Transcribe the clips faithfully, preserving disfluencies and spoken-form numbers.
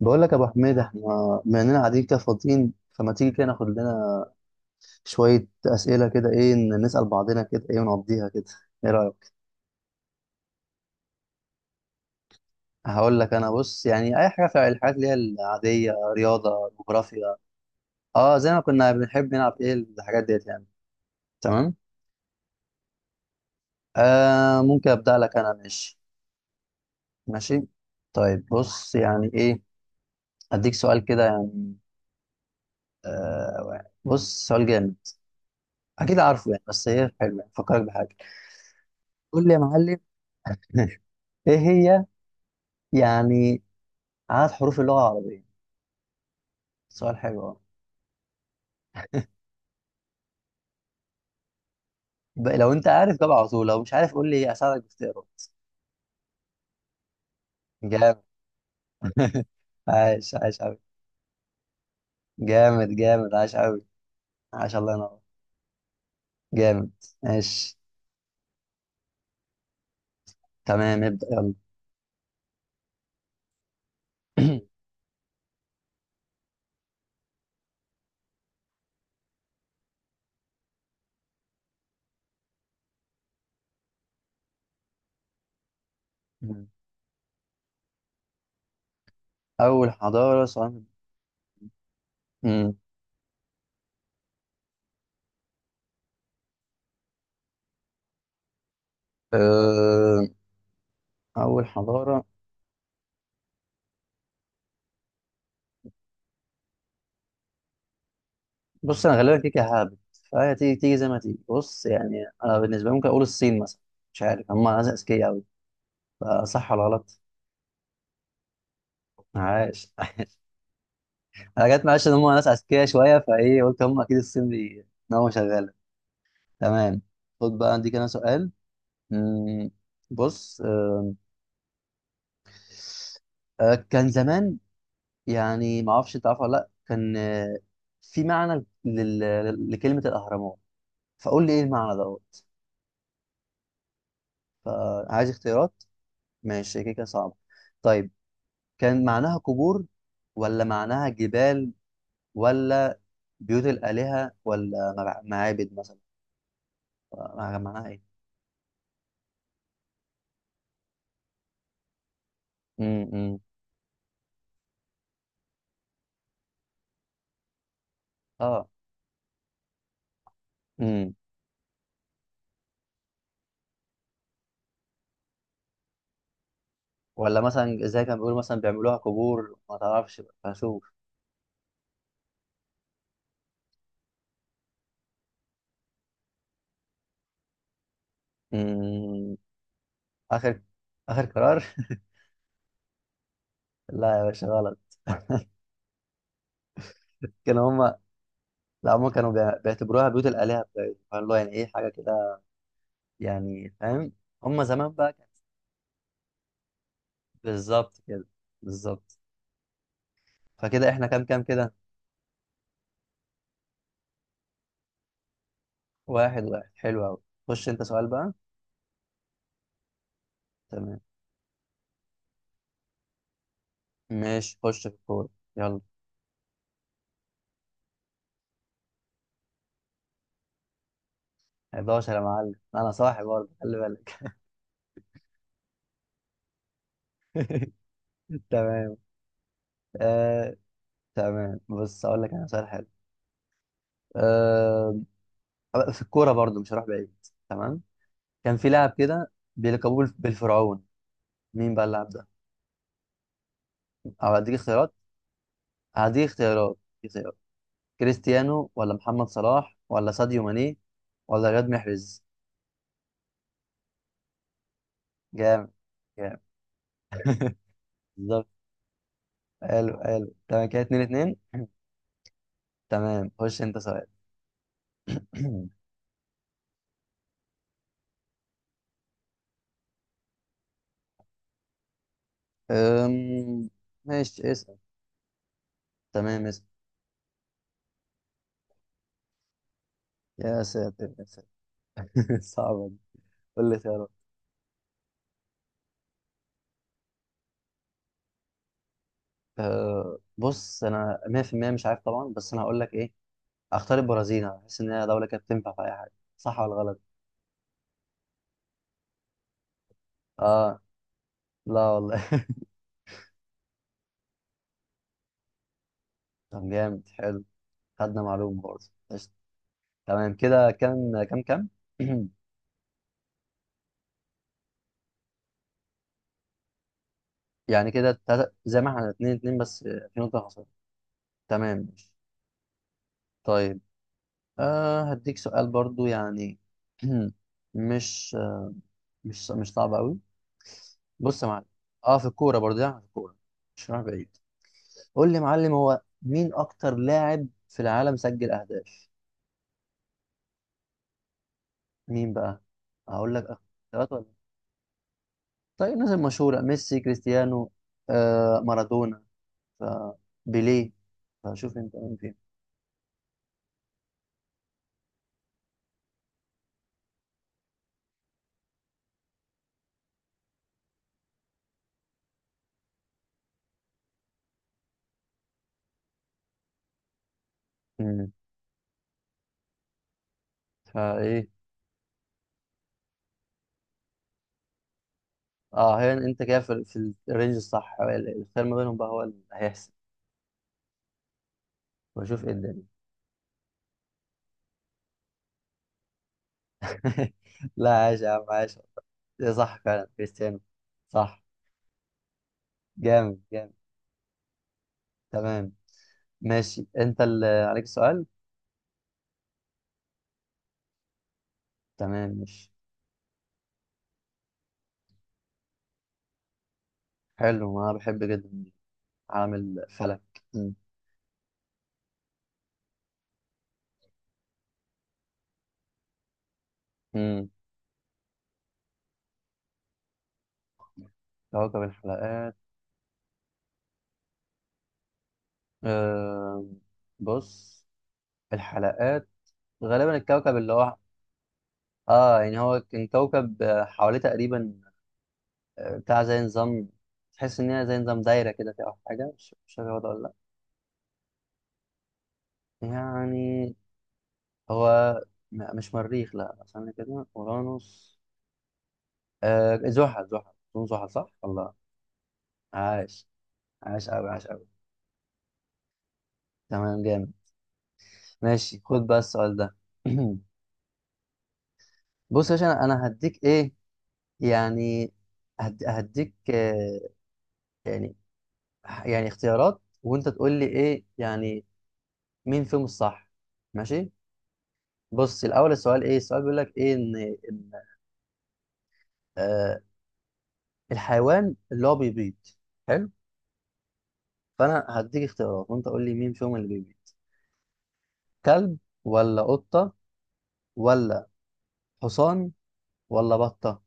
بقول لك يا ابو حميد احنا بما اننا قاعدين كده فاضيين فما تيجي كده ناخد لنا شويه اسئله كده ايه ن- نسال بعضنا كده ايه ونقضيها كده، ايه رايك؟ هقول لك، انا بص يعني اي حاجه في الحاجات اللي هي العاديه، رياضه، جغرافيا، اه زي ما كنا بنحب نلعب ايه الحاجات ديت يعني. تمام. آه ممكن ابدا لك انا، ماشي؟ ماشي. طيب بص يعني ايه، اديك سؤال كده يعني. آه بص سؤال جامد، اكيد عارفه يعني بس ايه حلو يعني، فكرك بحاجه. قول لي يا معلم. ايه هي يعني؟ عدد حروف اللغة العربية. سؤال حلو أوي. ب- لو أنت عارف جاوب على طول، لو مش عارف قول لي أساعدك باختيارات. جامد. عاش عاش أوي. جامد جامد، عاش أوي، عاش، الله ينور. جامد. ماشي، تمام ابدأ يلا. أول حضارة سؤال. مم. أه، أول حضارة. بص أنا غالبا كيكة هابت، فهي تيجي تيجي زي ما تيجي، بص يعني أنا بالنسبة لي ممكن أقول الصين مثلا، مش عارف هم ناس أذكياء أوي، فصح ولا غلط؟ عاش. انا جت معلش ان هم ناس اذكياء شويه، فايه قلت هم اكيد الصين دي نومه شغاله. تمام. خد بقى عندي كده سؤال. مم، بص، آه، آه، كان زمان يعني ما اعرفش انت عارف ولا لا، كان آه، في معنى لل- لل- لكلمه الاهرامات، فقول لي ايه المعنى دوت. فعايز اختيارات؟ ماشي كده كده صعب. طيب كان معناها قبور، ولا معناها جبال، ولا بيوت الالهه، ولا مع- معابد مثلا؟ آه، معناها ايه؟ امم، اه، ولا مثلا زي كان بيقولوا مثلا بيعملوها قبور، ما تعرفش بقى، هشوف. مم، اخر اخر قرار. لا يا باشا، غلط. كانوا هم، لا هم كانوا بيع- بيعتبروها بيوت الآلهة بتاعتهم، فاللي هو يعني ايه حاجة كده يعني، فاهم؟ هم زمان بقى كان بالظبط كده، بالظبط. فكده احنا كام كام كده؟ واحد واحد، حلو قوي. خش انت سؤال بقى. تمام ماشي، خش في الكورة، يلا. احد عشر يا معلم، انا صاحي برضه خلي بالك. تمام. آه تمام، بص اقول لك انا سؤال حلو. آه، في الكورة برضو مش هروح بعيد. تمام. كان في لاعب كده بيلقبوه بالف- بالفرعون، مين بقى اللاعب ده؟ او هديك اختيارات هديك اختيارات هديك اختيارات. كريستيانو، ولا محمد صلاح، ولا ساديو ماني، ولا رياض محرز؟ جامد جامد. بالظبط. حلو حلو تمام، كده اتنين اتنين. تمام، خش انت سؤال. أم... ماشي اسأل. تمام اسأل. يا ساتر يا ساتر. صعبة دي، قول لي اختيارات. أه... بص انا مية في المية مش عارف طبعا، بس انا هقول لك ايه، اختار البرازيل، انا بحس ان هي دوله كانت تنفع في اي حاجه، صح ولا غلط؟ اه، لا والله. طب جامد حلو، خدنا معلومه برضه. قشطة. تمام كده كام كام كام. يعني كده تلاتة- زي ما احنا اتنين اتنين بس آه، في نقطه خساره. تمام ماشي. طيب، آه هديك سؤال برضه يعني. مش مش مش صعب قوي. بص يا معلم، اه في الكوره برضه يعني، في الكوره مش رايح بعيد. قول لي يا معلم، هو مين اكتر لاعب في العالم سجل اهداف؟ مين بقى؟ هقول لك، ثلاثة ولا، طيب الناس المشهورة، ميسي، كريستيانو، آه مارادونا، فبيليه، فشوف انت مين فين. مم. فايه؟ اه هي انت كده في في الرينج الصح، الخير ما بينهم بقى هو اللي هيحسب، واشوف ايه الدنيا. لا، عاش يا عم عاش، ده صح فعلا كريستيانو. صح. جامد جامد. تمام ماشي، انت اللي عليك السؤال. تمام ماشي. حلو، انا بحب جدا عالم الفلك. مم. مم. كوكب الحلقات. أه بص، الحلقات، غالبا الكوكب اللي هو، اه يعني هو كان كوكب آه، حواليه تقريبا آه، بتاع زي نظام، تحس ان هي زي نظام دايره كده فيها أو حاجه، مش مش فاكر هو ده ولا لا يعني. هو م- مش مريخ، لا استنى كده، اورانوس، آه زحل زحل، اظن زحل صح. الله، عاش، عاش قوي عاش قوي. تمام جامد. ماشي، خد بقى السؤال ده. بص يا باشا، انا أنا هديك ايه يعني، هد- هديك آه، يعني يعني اختيارات، وانت تقول لي ايه يعني مين فيهم الصح. ماشي. بص الاول السؤال ايه، السؤال بيقول لك ايه ان ان آه الحيوان اللي هو بيبيض. حلو. فانا هديك اختيارات، وانت قول لي مين فيهم اللي بيبيض؟ كلب، ولا قطة، ولا حصان، ولا بطة؟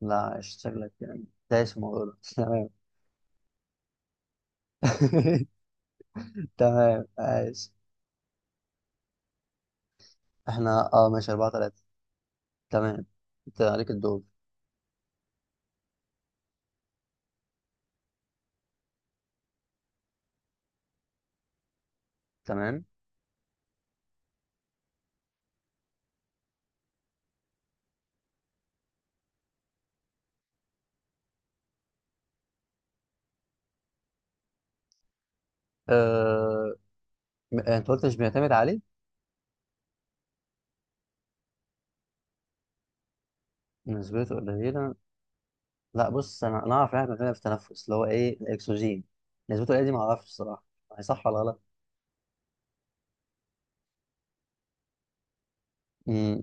لا شكلك يعني دايس في الموضوع ده. تمام. تمام عايش. احنا اه ماشي، أربعة تلاتة. تمام. انت عليك الدور. تمام. آه... م- انت قلت مش بيعتمد عليه؟ نسبته قليلة؟ لا بص أنا أنا أعرف إحنا بنعمل في التنفس اللي هو إيه الأكسجين، نسبته قليلة دي معرفش الصراحة، هي صح ولا غلط؟ امم.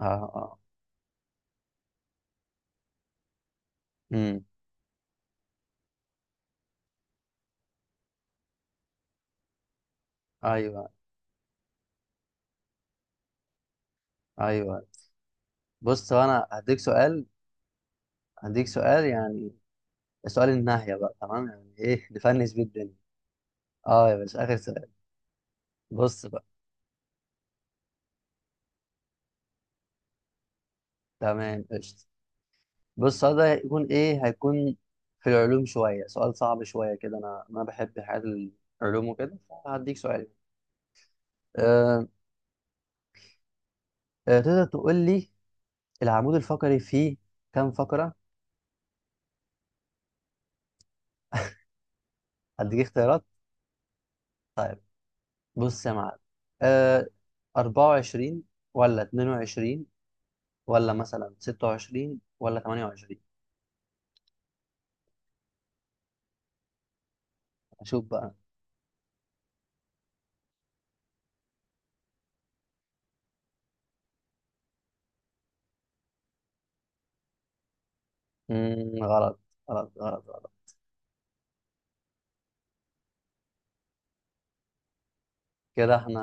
آه آه. امم. أيوه. أيوه. بص هو أنا هديك سؤال، هديك سؤال يعني، سؤال النهاية بقى تمام، يعني إيه نفنس بيه الدنيا. أه يا باشا، آخر سؤال. بص بقى، تمام قشطة. بص السؤال ده هيكون إيه، هيكون في العلوم شوية، سؤال صعب شوية كده، أنا أنا بحب حاجات العلوم وكده، فهديك سؤال. أه. آه، تقدر تقول لي العمود الفقري فيه كام فقرة؟ هديك اختيارات. طيب بص يا معلم، آه اربعة وعشرين، ولا اتنين وعشرين، ولا مثلا ستة وعشرين، ولا تمانية وعشرين؟ أشوف بقى. مم غلط، غلط غلط غلط. كده احنا،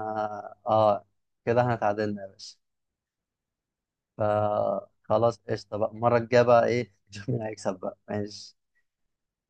اه كده احنا اتعادلنا يا باشا. فخلاص قشطة بقى، المرة الجاية بقى ايه نشوف مين هيكسب بقى، ماشي.